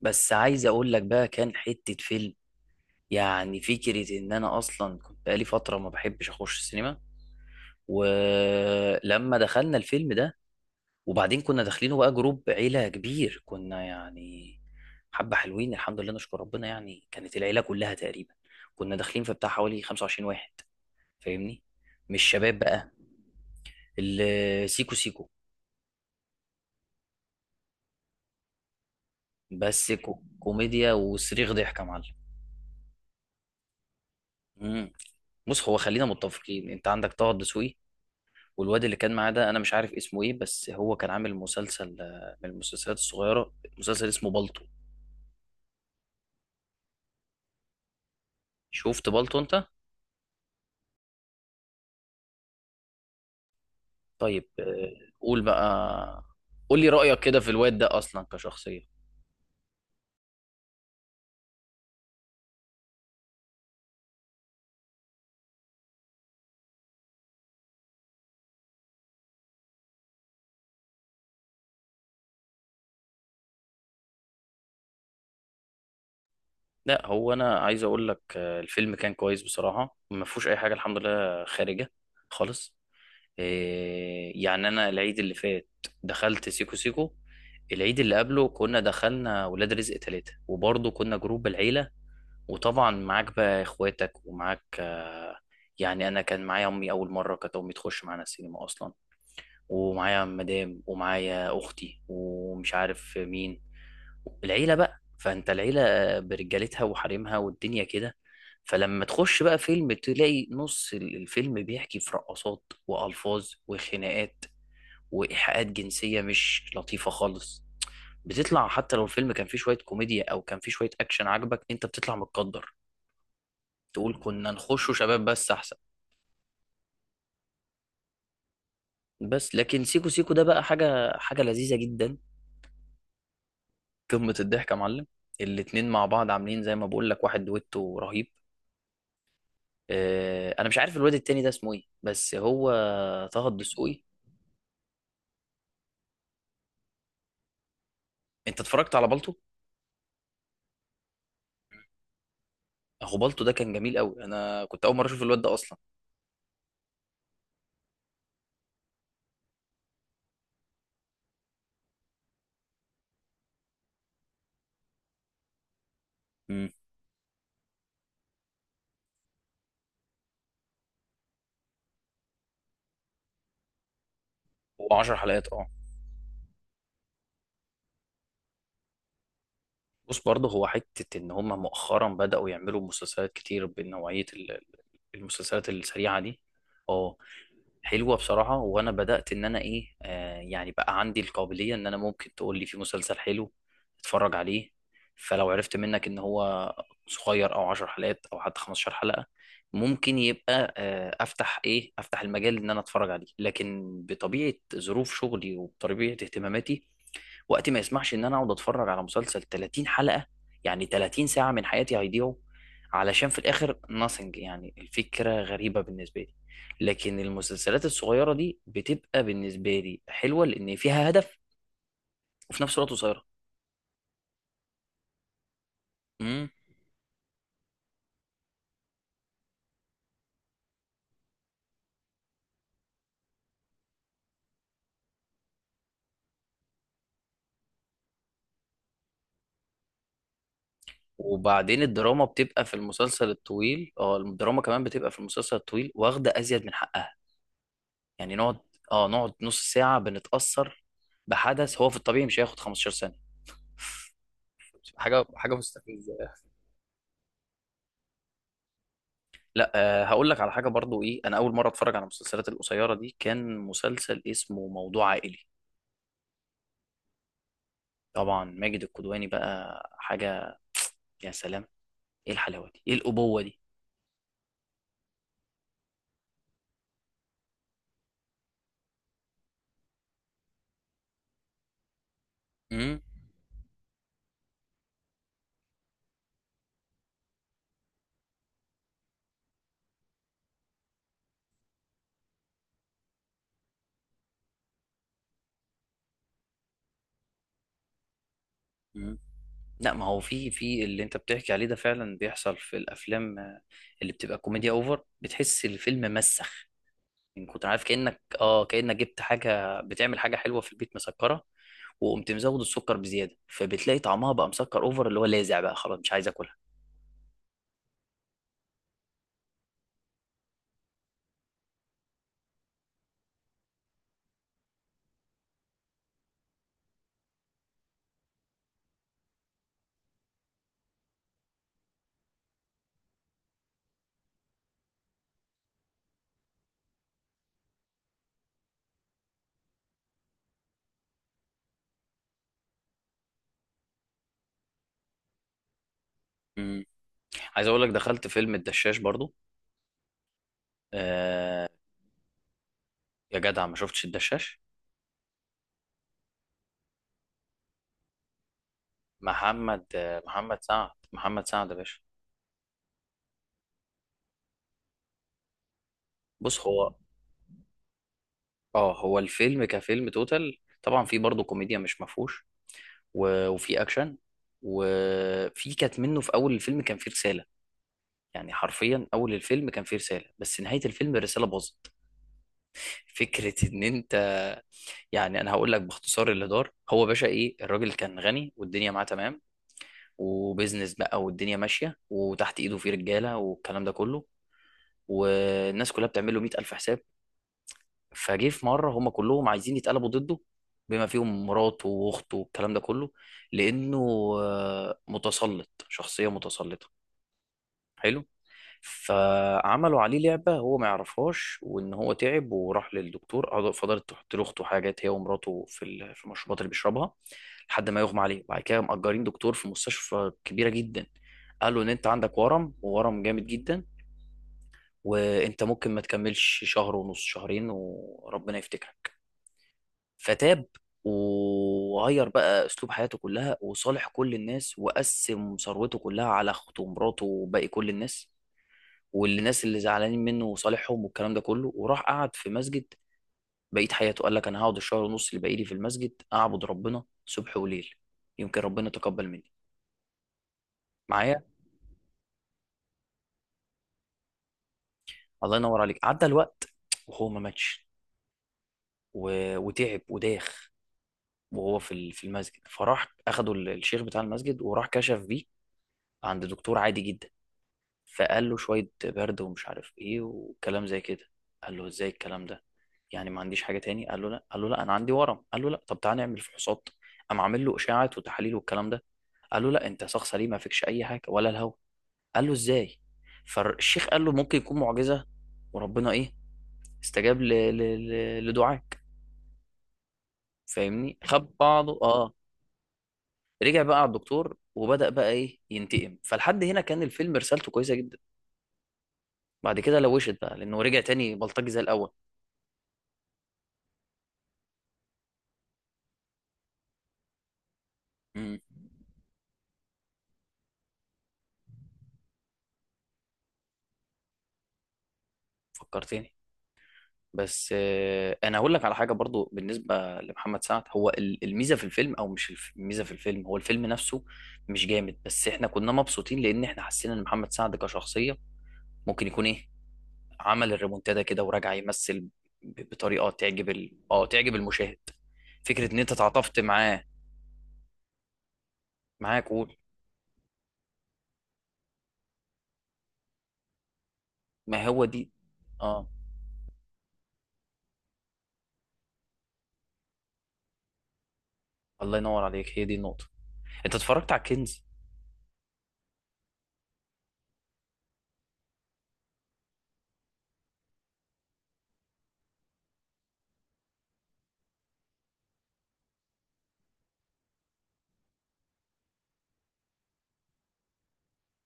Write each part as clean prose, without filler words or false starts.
بس عايز اقول لك بقى كان حتة فيلم. يعني فكرة ان انا اصلا كنت بقالي فترة ما بحبش اخش السينما، ولما دخلنا الفيلم ده وبعدين كنا داخلينه بقى جروب عيلة كبير. كنا يعني حبة حلوين الحمد لله نشكر ربنا، يعني كانت العيلة كلها تقريبا. كنا داخلين في بتاع حوالي 25 واحد، فاهمني؟ مش شباب بقى. سيكو سيكو، بس كوميديا وصريخ ضحك يا معلم. مم. بص، هو خلينا متفقين، انت عندك طه الدسوقي، والواد اللي كان معاه ده انا مش عارف اسمه ايه، بس هو كان عامل مسلسل، من المسلسلات الصغيره، مسلسل اسمه بالطو. شفت بالطو انت؟ طيب قول بقى، قول لي رايك كده في الواد ده اصلا كشخصيه. لا، هو انا عايز اقول لك الفيلم كان كويس بصراحه، ما فيهوش اي حاجه الحمد لله، خارجه خالص. يعني انا العيد اللي فات دخلت سيكو سيكو. العيد اللي قبله كنا دخلنا ولاد رزق ثلاثة، وبرضه كنا جروب العيلة. وطبعا معاك بقى اخواتك ومعاك، يعني انا كان معايا امي، اول مره كانت امي تخش معانا السينما اصلا، ومعايا مدام ومعايا اختي ومش عارف مين، العيله بقى. فانت العيله برجالتها وحريمها والدنيا كده، فلما تخش بقى فيلم تلاقي نص الفيلم بيحكي في رقصات والفاظ وخناقات وايحاءات جنسيه مش لطيفه خالص. بتطلع حتى لو الفيلم كان فيه شويه كوميديا او كان فيه شويه اكشن عجبك، انت بتطلع متقدر تقول كنا نخشه شباب بس احسن. بس لكن سيكو سيكو ده بقى حاجة حاجة لذيذة جدا، قمة الضحك يا معلم. الاتنين مع بعض عاملين زي ما بقول لك، واحد دويتو رهيب. اه، انا مش عارف الواد التاني ده اسمه ايه، بس هو طه الدسوقي. انت اتفرجت على بالطو؟ اخو بالطو ده كان جميل قوي، انا كنت اول مرة اشوف الواد ده اصلا. امم هو 10 حلقات اه. بص برضه هو حتة ان هم مؤخرا بدأوا يعملوا مسلسلات كتير بنوعية المسلسلات السريعة دي. اه حلوه بصراحه، وانا بدات ان انا ايه يعني بقى عندي القابليه ان انا ممكن تقول لي في مسلسل حلو اتفرج عليه. فلو عرفت منك ان هو صغير او 10 حلقات او حتى 15 حلقه، ممكن يبقى افتح ايه افتح المجال ان انا اتفرج عليه. لكن بطبيعه ظروف شغلي وبطبيعه اهتماماتي، وقتي ما يسمحش ان انا اقعد اتفرج على مسلسل 30 حلقة، يعني 30 ساعة من حياتي هيضيعوا علشان في الاخر nothing. يعني الفكرة غريبة بالنسبة لي. لكن المسلسلات الصغيرة دي بتبقى بالنسبة لي حلوة لان فيها هدف، وفي نفس الوقت قصيرة. امم. وبعدين الدراما بتبقى في المسلسل الطويل. اه الدراما كمان بتبقى في المسلسل الطويل واخدة ازيد من حقها. يعني نقعد، اه نقعد نص ساعة بنتأثر بحدث هو في الطبيعي مش هياخد 15 ثانية. حاجه حاجه مستفزه. لا هقول لك على حاجه برضو ايه، انا اول مره اتفرج على المسلسلات القصيره دي كان مسلسل اسمه موضوع عائلي. طبعا ماجد الكدواني بقى حاجه. يا سلام! ايه الحلاوه دي، ايه الابوه دي! امم مم. لا، ما هو في في اللي انت بتحكي عليه ده فعلا بيحصل في الافلام، اللي بتبقى كوميديا اوفر بتحس الفيلم مسخ. ان كنت عارف، كانك اه كانك جبت حاجه بتعمل حاجه حلوه في البيت مسكره، وقمت مزود السكر بزياده، فبتلاقي طعمها بقى مسكر اوفر اللي هو لاذع، بقى خلاص مش عايز اكلها. إمم. عايز اقول لك دخلت فيلم الدشاش برضو. آه يا جدع، ما شفتش الدشاش؟ محمد محمد سعد، محمد سعد يا باشا. بص هو، اه هو الفيلم كفيلم توتال طبعا في برضو كوميديا مش مفهوش، وفي اكشن، وفي كانت منه في اول الفيلم كان فيه رسالة. يعني حرفيا اول الفيلم كان فيه رسالة، بس نهاية الفيلم الرسالة باظت. فكرة ان انت، يعني انا هقول لك باختصار اللي دار. هو باشا ايه، الراجل كان غني والدنيا معاه تمام، وبيزنس بقى والدنيا ماشيه وتحت ايده في رجاله والكلام ده كله، والناس كلها بتعمل له 100000 حساب. فجه في مره هم كلهم عايزين يتقلبوا ضده، بما فيهم مراته واخته والكلام ده كله، لانه متسلط، شخصيه متسلطه. حلو. فعملوا عليه لعبة هو ما يعرفهاش، وإن هو تعب وراح للدكتور، فضلت تحط له أخته حاجات هي ومراته في في المشروبات اللي بيشربها لحد ما يغمى عليه. بعد كده مأجرين دكتور في مستشفى كبيرة جدا، قالوا إن أنت عندك ورم، وورم جامد جدا، وأنت ممكن ما تكملش شهر ونص، شهرين وربنا يفتكرك. فتاب، وغير بقى أسلوب حياته كلها وصالح كل الناس، وقسم ثروته كلها على أخته ومراته وباقي كل الناس، والناس اللي زعلانين منه وصالحهم والكلام ده كله، وراح قعد في مسجد بقيت حياته. قال لك انا هقعد الشهر ونص اللي باقي لي في المسجد اعبد ربنا صبح وليل، يمكن ربنا يتقبل مني. معايا. الله ينور عليك. عدى الوقت وهو ما ماتش، وتعب وداخ، وهو في في المسجد، فراح اخده الشيخ بتاع المسجد، وراح كشف بيه عند دكتور عادي جدا. فقال له شوية برد ومش عارف ايه وكلام زي كده. قال له ازاي الكلام ده، يعني ما عنديش حاجة تاني؟ قال له لا. قال له لا انا عندي ورم. قال له لا، طب تعالى نعمل فحوصات. قام عامل له اشاعات وتحاليل والكلام ده، قال له لا انت شخص سليم ما فيكش اي حاجة ولا الهوا. قال له ازاي؟ فالشيخ قال له ممكن يكون معجزة، وربنا ايه استجاب ل... لدعاك، فاهمني؟ خد بعضه اه. رجع بقى على الدكتور وبدأ بقى ايه ينتقم، فلحد هنا كان الفيلم رسالته كويسة جدا. بعد كده لوشت بقى لانه رجع تاني بلطجي زي الاول. مم. فكرتني. بس انا هقول لك على حاجه برضو بالنسبه لمحمد سعد، هو الميزه في الفيلم، او مش الميزه في الفيلم هو الفيلم نفسه مش جامد، بس احنا كنا مبسوطين لان احنا حسينا ان محمد سعد كشخصيه ممكن يكون ايه، عمل الريمونتادا كده وراجع يمثل بطريقه تعجب ال... اه تعجب المشاهد. فكره ان انت تعاطفت معاه. معاه، قول. ما هو دي. اه. الله ينور عليك، هي دي النقطه. انت اتفرجت على الكنز؟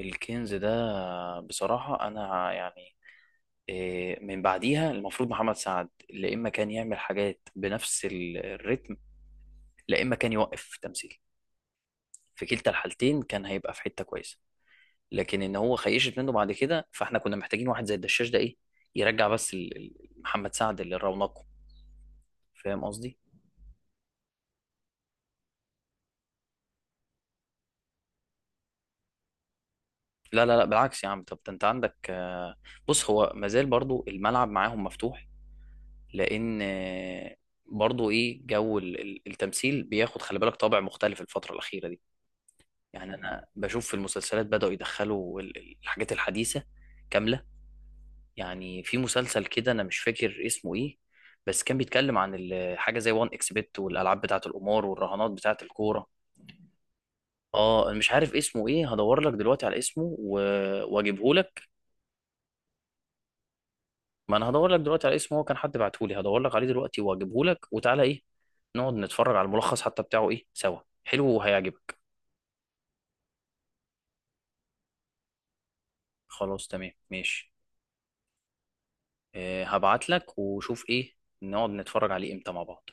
الكنز ده بصراحه انا يعني إيه، من بعديها المفروض محمد سعد لا اما كان يعمل حاجات بنفس الريتم، لا اما كان يوقف في التمثيل. في كلتا الحالتين كان هيبقى في حته كويسه. لكن ان هو خيشت منه بعد كده، فاحنا كنا محتاجين واحد زي الدشاش ده ايه، يرجع بس محمد سعد اللي رونقه. فاهم قصدي؟ لا لا لا، بالعكس يا عم، طب ده انت عندك بص هو مازال برضو الملعب معاهم مفتوح، لان برضو ايه جو التمثيل بياخد، خلي بالك، طابع مختلف الفتره الاخيره دي. يعني انا بشوف في المسلسلات بدأوا يدخلوا الحاجات الحديثة كاملة. يعني في مسلسل كده انا مش فاكر اسمه ايه، بس كان بيتكلم عن حاجة زي وان اكس بت، والالعاب بتاعة القمار والرهانات بتاعة الكورة. اه أنا مش عارف اسمه ايه، هدور لك دلوقتي على اسمه واجيبه لك. ما انا هدور لك دلوقتي على اسمه، هو كان حد بعته لي، هدور لك عليه دلوقتي واجيبه لك، وتعالى ايه نقعد نتفرج على الملخص حتى بتاعه ايه سوا، حلو وهيعجبك. خلاص تمام ماشي. هبعت لك وشوف ايه نقعد نتفرج عليه امتى مع بعض.